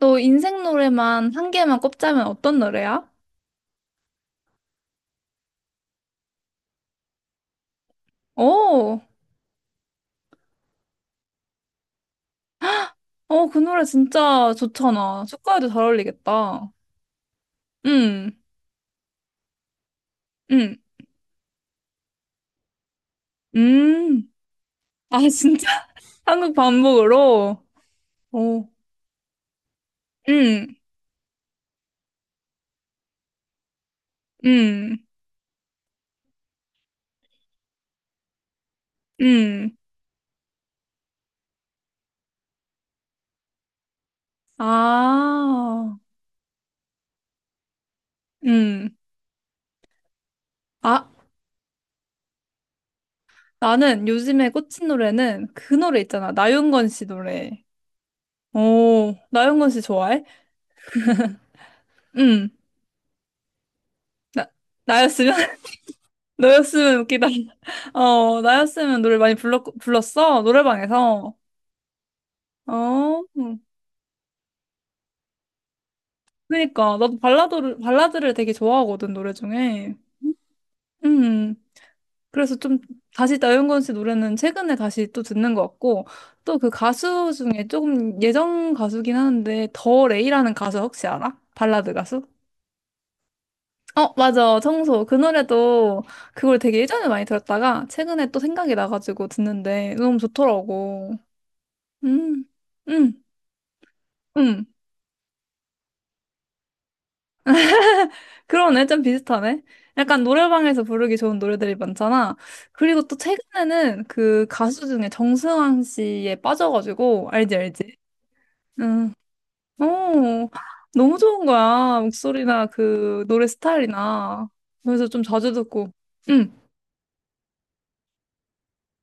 너 인생 노래만 한 개만 꼽자면 어떤 노래야? 오, 어, 그 노래 진짜 좋잖아. 축가에도 잘 어울리겠다. 음, 음, 음. 아, 진짜? 한국 반복으로? 오, 음, 음, 음. 아, 음. 아, 나는 요즘에 꽂힌 노래는 그 노래 있잖아. 나윤건 씨 노래. 오, 나윤건 씨 좋아해? 음. 나, 나였으면? 너였으면 웃기다. 어, 나였으면 노래 많이 불렀어? 노래방에서. 어, 그러니까. 나도 발라드를 되게 좋아하거든, 노래 중에. 음. 그래서 좀 다시 나윤건 씨 노래는 최근에 다시 또 듣는 것 같고, 또 그 가수 중에 조금 예전 가수긴 하는데, 더 레이라는 가수 혹시 알아? 발라드 가수? 어, 맞아. 청소. 그 노래도 그걸 되게 예전에 많이 들었다가, 최근에 또 생각이 나가지고 듣는데, 너무 좋더라고. 음. 음. 응, 그러네. 좀 비슷하네. 약간 노래방에서 부르기 좋은 노래들이 많잖아. 그리고 또 최근에는 그 가수 중에 정승환 씨에 빠져가지고, 알지, 알지? 응. 오, 너무 좋은 거야. 목소리나 그 노래 스타일이나. 그래서 좀 자주 듣고. 응,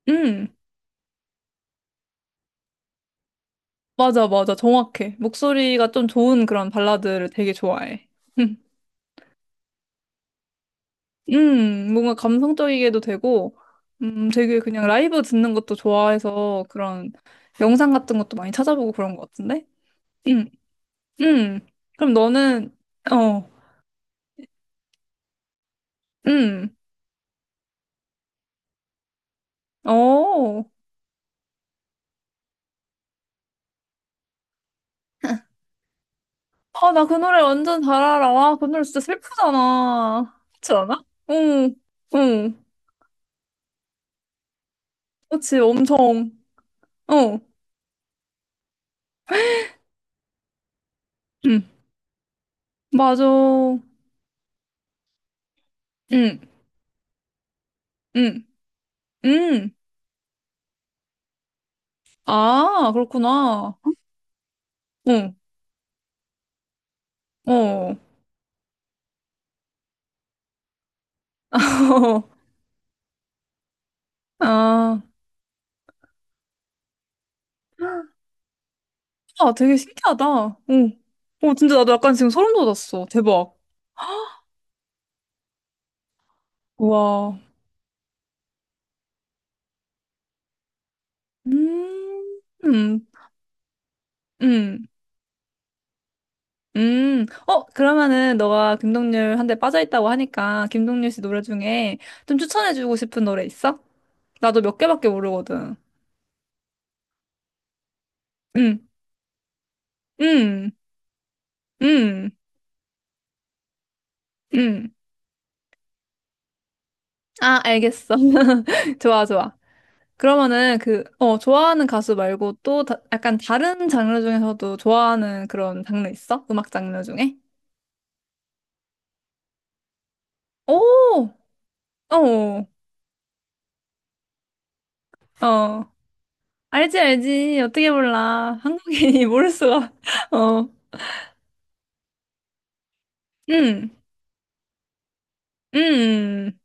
응. 맞아, 맞아. 정확해. 목소리가 좀 좋은 그런 발라드를 되게 좋아해. 응. 뭔가 감성적이게도 되고, 되게 그냥 라이브 듣는 것도 좋아해서 그런 영상 같은 것도 많이 찾아보고 그런 것 같은데? 음, 음. 그럼 너는, 어, 음, 어. 아, 나 그 노래 완전 잘 알아. 와, 그 노래 진짜 슬프잖아. 그렇지 않아? 응, 응. 그렇지, 엄청. 어, 응, 맞아. 응, 응, 응. 아, 그렇구나. 응, 어. 아. 아, 되게 신기하다. 어. 어, 진짜 나도 약간 지금 소름 돋았어. 대박. 우와. 음, 음, 음, 어, 그러면은 너가 김동률 한 대 빠져있다고 하니까 김동률 씨 노래 중에 좀 추천해주고 싶은 노래 있어? 나도 몇 개밖에 모르거든. 음, 음, 음, 음. 아, 알겠어. 좋아, 좋아. 그러면은 좋아하는 가수 말고 또 약간 다른 장르 중에서도 좋아하는 그런 장르 있어? 음악 장르 중에? 오! 어, 어. 알지, 알지. 어떻게 몰라. 한국인이 모를 수가. 어. 음, 음,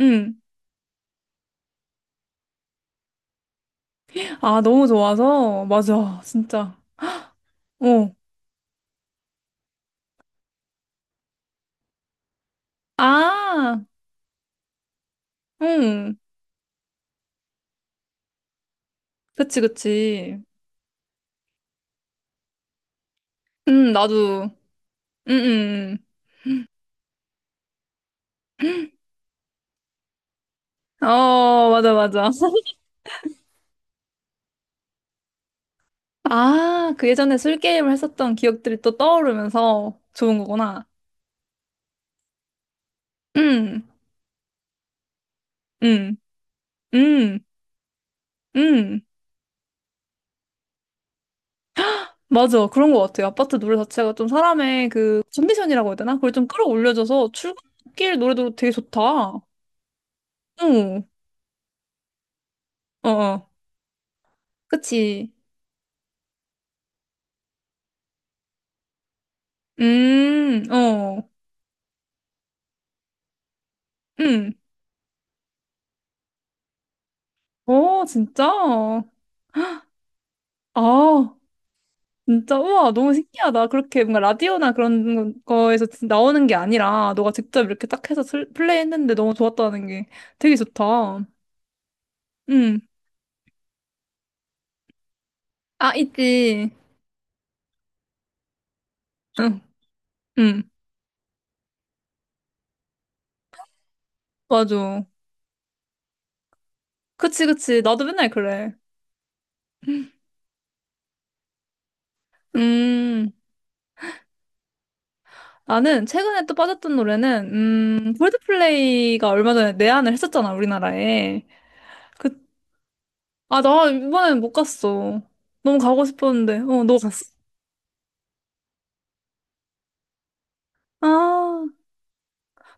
음. 아, 너무 좋아서. 맞아, 진짜. 어. 아, 음. 그치, 그치. 응 나도. 음, 음. 음. 어, 맞아, 맞아. 아, 그 예전에 술게임을 했었던 기억들이 또 떠오르면서 좋은 거구나. 음, 음, 음, 음. 맞아. 그런 것 같아요. 아파트 노래 자체가 좀 사람의 그 컨디션이라고 해야 되나? 그걸 좀 끌어올려줘서 출근길 노래도 되게 좋다. 어, 어, 어. 그치. 어, 음. 어, 진짜? 아, 진짜. 우와, 너무 신기하다. 그렇게 뭔가 라디오나 그런 거에서 나오는 게 아니라 너가 직접 이렇게 딱 해서 플레이했는데 너무 좋았다는 게 되게 좋다. 음. 아, 있지. 응, 응. 맞아. 그치, 그치. 나도 맨날 그래. 음. 나는 최근에 또 빠졌던 노래는 콜드플레이가 얼마 전에 내한을 했었잖아 우리나라에. 그 나 이번엔 못 갔어. 너무 가고 싶었는데 어 너 갔어? 아,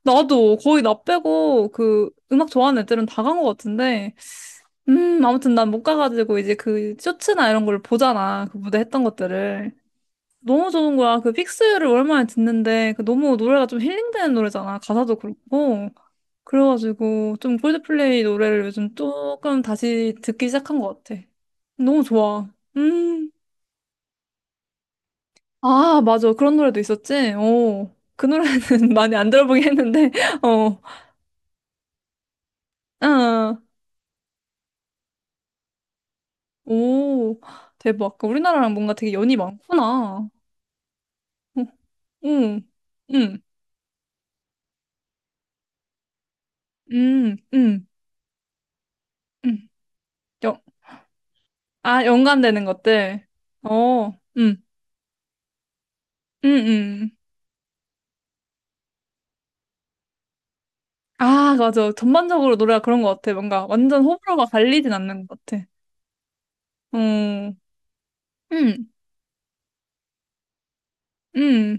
나도 거의 나 빼고 그 음악 좋아하는 애들은 다 간 것 같은데 아무튼 난 못 가가지고 이제 그 쇼츠나 이런 걸 보잖아 그 무대 했던 것들을. 너무 좋은 거야 그 픽스유를 오랜만에 듣는데 그 너무 노래가 좀 힐링되는 노래잖아 가사도 그렇고. 그래가지고 좀 콜드플레이 노래를 요즘 조금 다시 듣기 시작한 것 같아. 너무 좋아. 음. 아, 맞아. 그런 노래도 있었지? 어. 그 노래는 많이 안 들어보긴 했는데, 어. 아, 오. 대박. 그러니까 우리나라랑 뭔가 되게 연이 많구나. 어, 응, 응, 응, 응, 응. 응. 연, 아, 연관되는 것들. 어, 응, 응, 응. 아, 맞아. 전반적으로 노래가 그런 것 같아. 뭔가 완전 호불호가 갈리진 않는 것 같아. 음, 음, 음.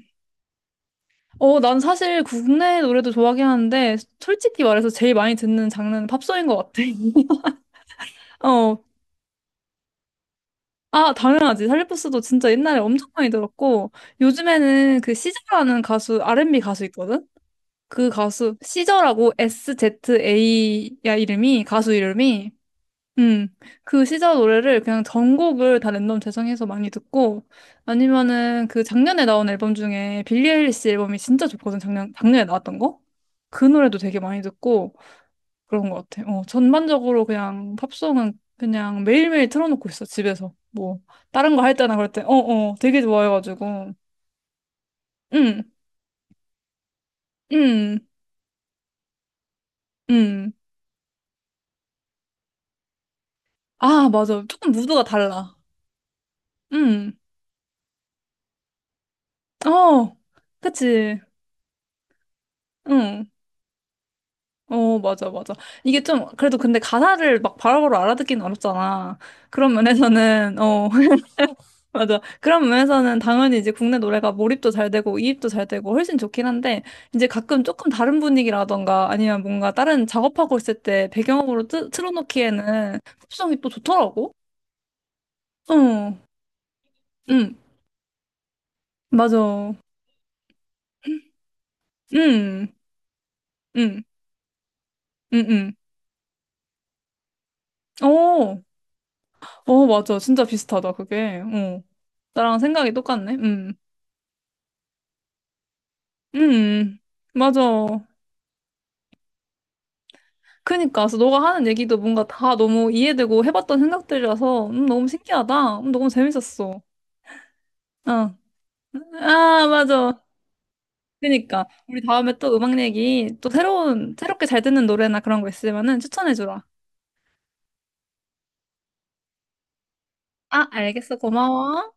어, 난 사실 국내 노래도 좋아하긴 하는데, 솔직히 말해서 제일 많이 듣는 장르는 팝송인 것 같아. 어, 아, 당연하지. 살리포스도 진짜 옛날에 엄청 많이 들었고, 요즘에는 그 시저라는 가수, R&B 가수 있거든? 그 가수, 시저라고 SZA야 이름이, 가수 이름이. 음, 그 시절 노래를 그냥 전곡을 다 랜덤 재생해서 많이 듣고, 아니면은 그 작년에 나온 앨범 중에 빌리 아일리시 앨범이 진짜 좋거든, 작년에 나왔던 거? 그 노래도 되게 많이 듣고, 그런 것 같아. 어, 전반적으로 그냥 팝송은 그냥 매일매일 틀어놓고 있어, 집에서. 뭐, 다른 거 할 때나 그럴 때, 어, 어, 되게 좋아해가지고. 음, 음, 음. 아, 맞아. 조금 무드가 달라. 음, 어, 그치. 응. 어, 맞아, 맞아. 이게 좀, 그래도 근데 가사를 막 바로바로 알아듣기는 어렵잖아. 그런 면에서는, 어, 맞아. 그런 면에서는 당연히 이제 국내 노래가 몰입도 잘 되고, 이입도 잘 되고, 훨씬 좋긴 한데, 이제 가끔 조금 다른 분위기라던가, 아니면 뭔가 다른 작업하고 있을 때 배경음으로 틀, 틀어놓기에는 흡성이 또 좋더라고? 어, 응, 맞아. 응, 응, 응, 응. 어, 어, 맞아. 진짜 비슷하다, 그게. 어. 나랑 생각이 똑같네. 응. 음, 음. 맞아. 그니까, 그래서 너가 하는 얘기도 뭔가 다 너무 이해되고 해봤던 생각들이라서, 너무 신기하다. 너무 재밌었어. 어. 아, 맞아. 그니까. 우리 다음에 또 음악 얘기, 또 새로운, 새롭게 잘 듣는 노래나 그런 거 있으면은 추천해주라. 아, 알겠어. 고마워.